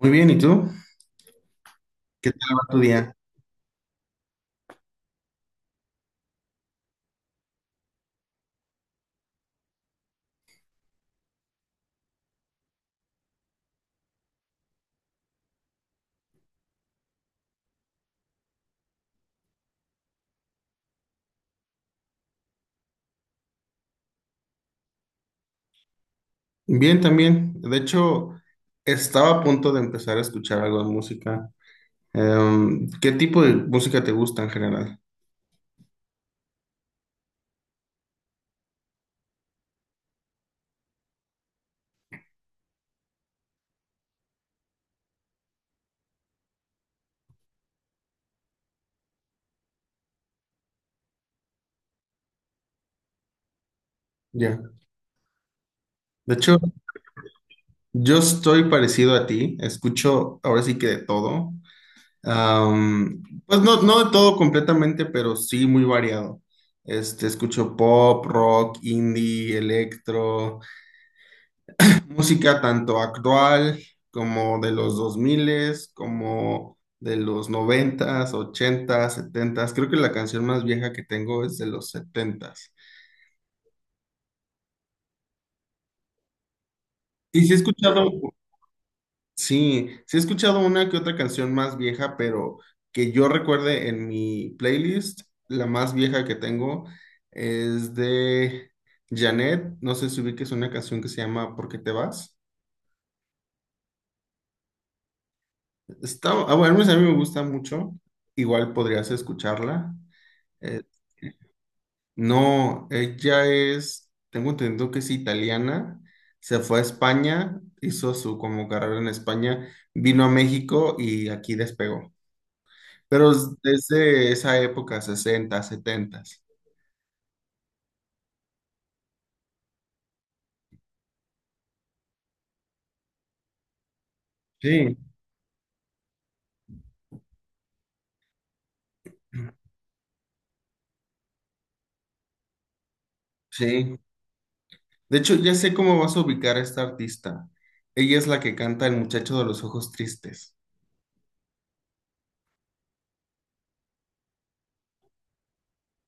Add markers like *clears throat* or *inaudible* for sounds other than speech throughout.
Muy bien, ¿y tú? ¿Qué tal va tu día? Bien, también. De hecho, estaba a punto de empezar a escuchar algo de música. ¿Qué tipo de música te gusta en general? Ya. De hecho, yo estoy parecido a ti. Escucho ahora sí que de todo. Pues no de todo completamente, pero sí muy variado. Este, escucho pop, rock, indie, electro. Música tanto actual como de los 2000, como de los 90, 80. Creo que la canción más vieja que tengo es de los 70. Y sí he escuchado, sí he escuchado una que otra canción más vieja, pero que yo recuerde en mi playlist, la más vieja que tengo es de Janet. No sé si ubiques una canción que se llama ¿Por qué te vas? Está, ah, bueno, a mí me gusta mucho. Igual podrías escucharla. Eh, no, ella es, tengo entendido que es italiana, se fue a España, hizo su como carrera en España, vino a México y aquí despegó. Pero es desde esa época, 60, 70. Sí, sí. De hecho, ya sé cómo vas a ubicar a esta artista. Ella es la que canta El muchacho de los ojos tristes.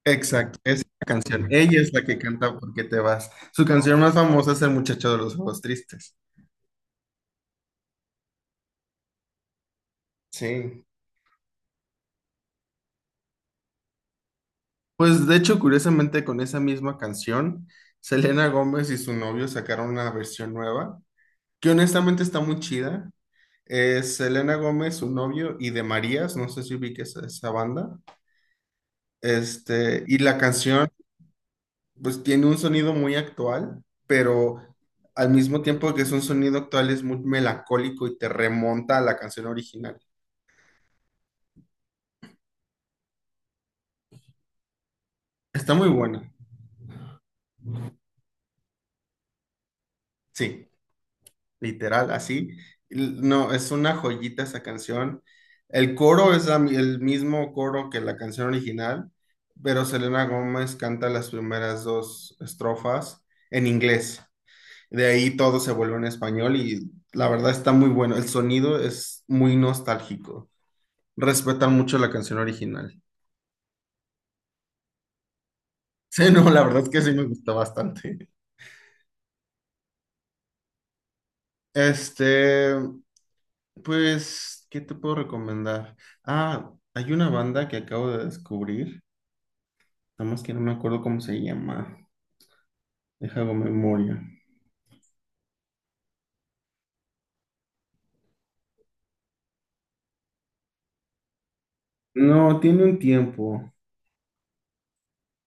Exacto, esa canción. Ella es la que canta ¿Por qué te vas? Su canción más famosa es El muchacho de los ojos tristes. Sí. Pues de hecho, curiosamente, con esa misma canción, Selena Gómez y su novio sacaron una versión nueva, que honestamente está muy chida. Es Selena Gómez, su novio, y de Marías, no sé si ubiques a esa banda. Este, y la canción, pues tiene un sonido muy actual, pero al mismo tiempo que es un sonido actual, es muy melancólico y te remonta a la canción original. Está muy buena, sí, literal, así. No, es una joyita esa canción. El coro es el mismo coro que la canción original, pero Selena Gómez canta las primeras dos estrofas en inglés. De ahí todo se vuelve en español y la verdad está muy bueno. El sonido es muy nostálgico. Respetan mucho la canción original. *laughs* Sí, no, la verdad es que sí me gustó bastante. Este, pues, ¿qué te puedo recomendar? Ah, hay una banda que acabo de descubrir. Nada más que no me acuerdo cómo se llama. Deja hago memoria. No, tiene un tiempo.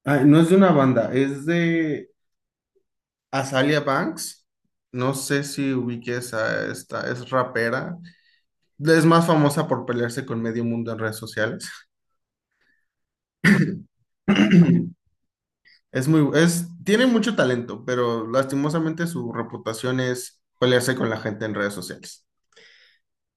Ah, no es de una banda, es de Azalea Banks. No sé si ubiques a esta, es rapera. Es más famosa por pelearse con medio mundo en redes sociales. *clears throat* Es, tiene mucho talento, pero lastimosamente su reputación es pelearse con la gente en redes sociales.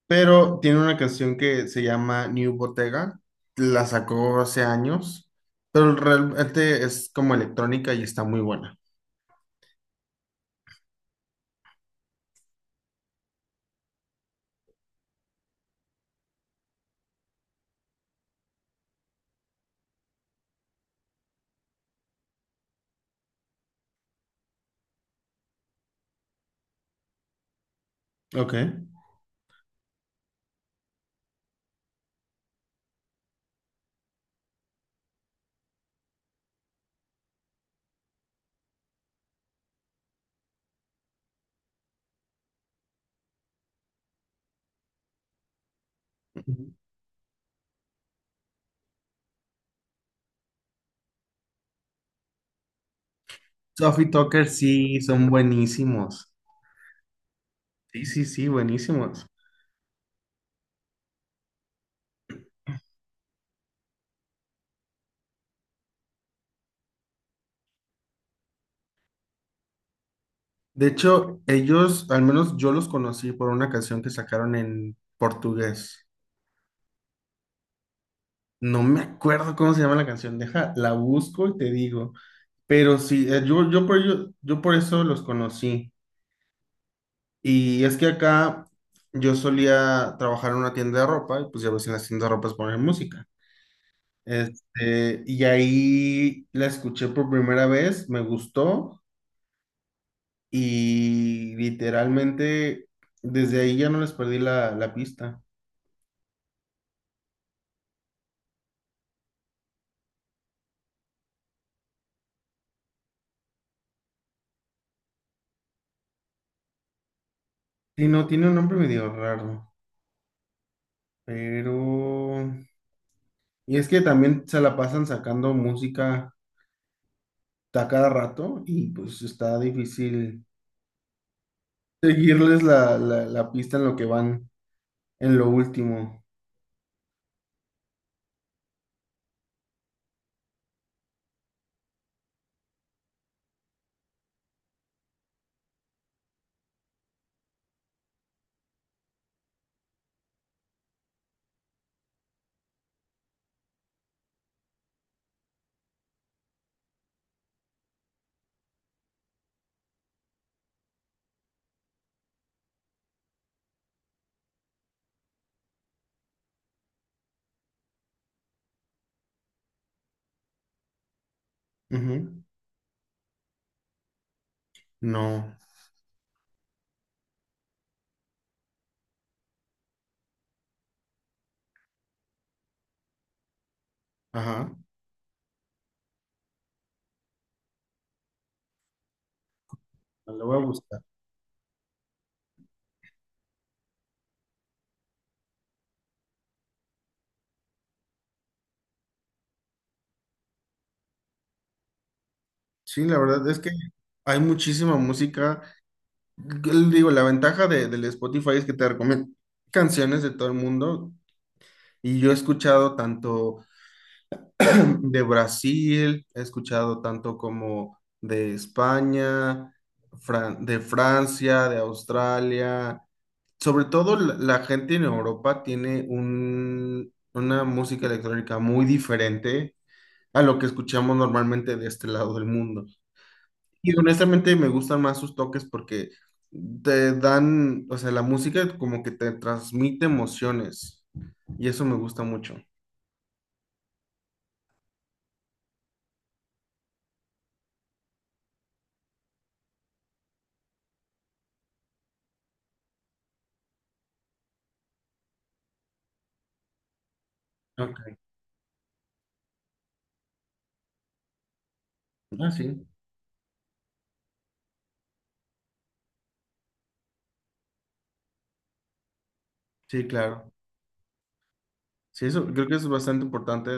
Pero tiene una canción que se llama New Bottega, la sacó hace años, pero realmente es como electrónica y está muy buena. Ok. Ujú. Sophie Tucker sí, son buenísimos. Sí, buenísimos. De hecho, ellos, al menos yo los conocí por una canción que sacaron en portugués. No me acuerdo cómo se llama la canción, deja, la busco y te digo. Pero sí, yo por eso los conocí. Y es que acá yo solía trabajar en una tienda de ropa y pues ya ves en las tiendas de ropa ponen música. Este, y ahí la escuché por primera vez, me gustó y literalmente desde ahí ya no les perdí la pista. Sí, no, tiene un nombre medio raro, pero... Y es que también se la pasan sacando música a cada rato y pues está difícil seguirles la pista en lo que van, en lo último. Ujú. No, ajá. Me lo voy a buscar. Sí, la verdad es que hay muchísima música. Digo, la ventaja de, del Spotify es que te recomienda canciones de todo el mundo. Y yo he escuchado tanto de Brasil, he escuchado tanto como de España, de Francia, de Australia. Sobre todo la gente en Europa tiene una música electrónica muy diferente a lo que escuchamos normalmente de este lado del mundo. Y honestamente me gustan más sus toques porque te dan, o sea, la música como que te transmite emociones y eso me gusta mucho. Ok, ah, sí, sí, claro. Sí, eso creo que es bastante importante,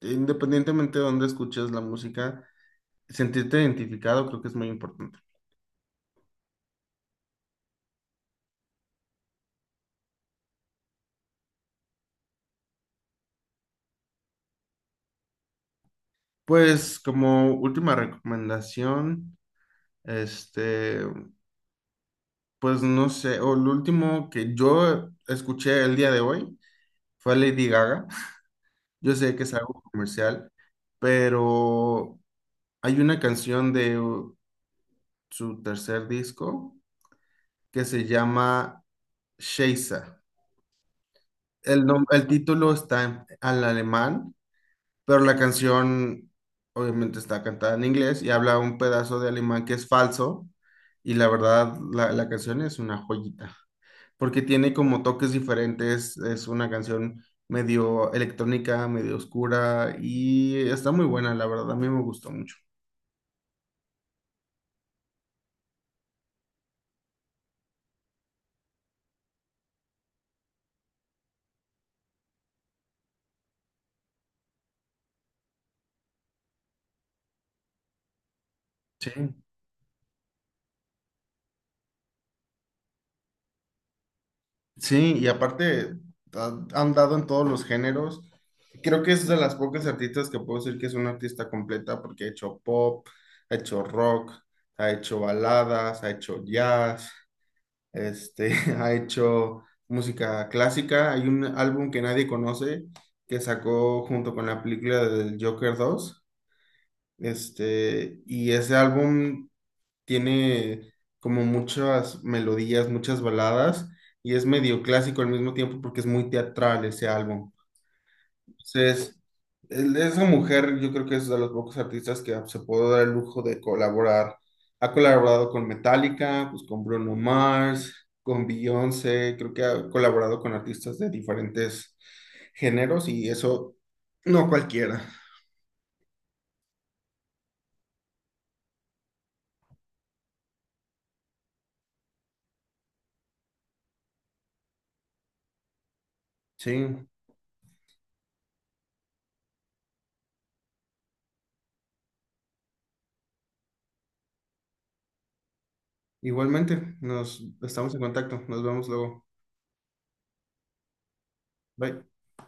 independientemente de dónde escuches la música, sentirte identificado creo que es muy importante. Pues como última recomendación, este, pues no sé, o lo último que yo escuché el día de hoy, fue Lady Gaga. Yo sé que es algo comercial, pero hay una canción de su tercer disco que se llama Sheisa. El título está en, al alemán, pero la canción obviamente está cantada en inglés y habla un pedazo de alemán que es falso y la verdad la canción es una joyita porque tiene como toques diferentes, es una canción medio electrónica, medio oscura y está muy buena, la verdad, a mí me gustó mucho. Sí. Sí, y aparte ha, ha andado en todos los géneros. Creo que es de las pocas artistas que puedo decir que es una artista completa porque ha hecho pop, ha hecho rock, ha hecho baladas, ha hecho jazz, este, *laughs* ha hecho música clásica. Hay un álbum que nadie conoce que sacó junto con la película del Joker dos. Este, y ese álbum tiene como muchas melodías, muchas baladas, y es medio clásico al mismo tiempo porque es muy teatral ese álbum. Entonces, esa mujer yo creo que es de los pocos artistas que se puede dar el lujo de colaborar. Ha colaborado con Metallica, pues con Bruno Mars, con Beyoncé, creo que ha colaborado con artistas de diferentes géneros y eso no cualquiera. Sí, igualmente, nos estamos en contacto, nos vemos luego. Bye.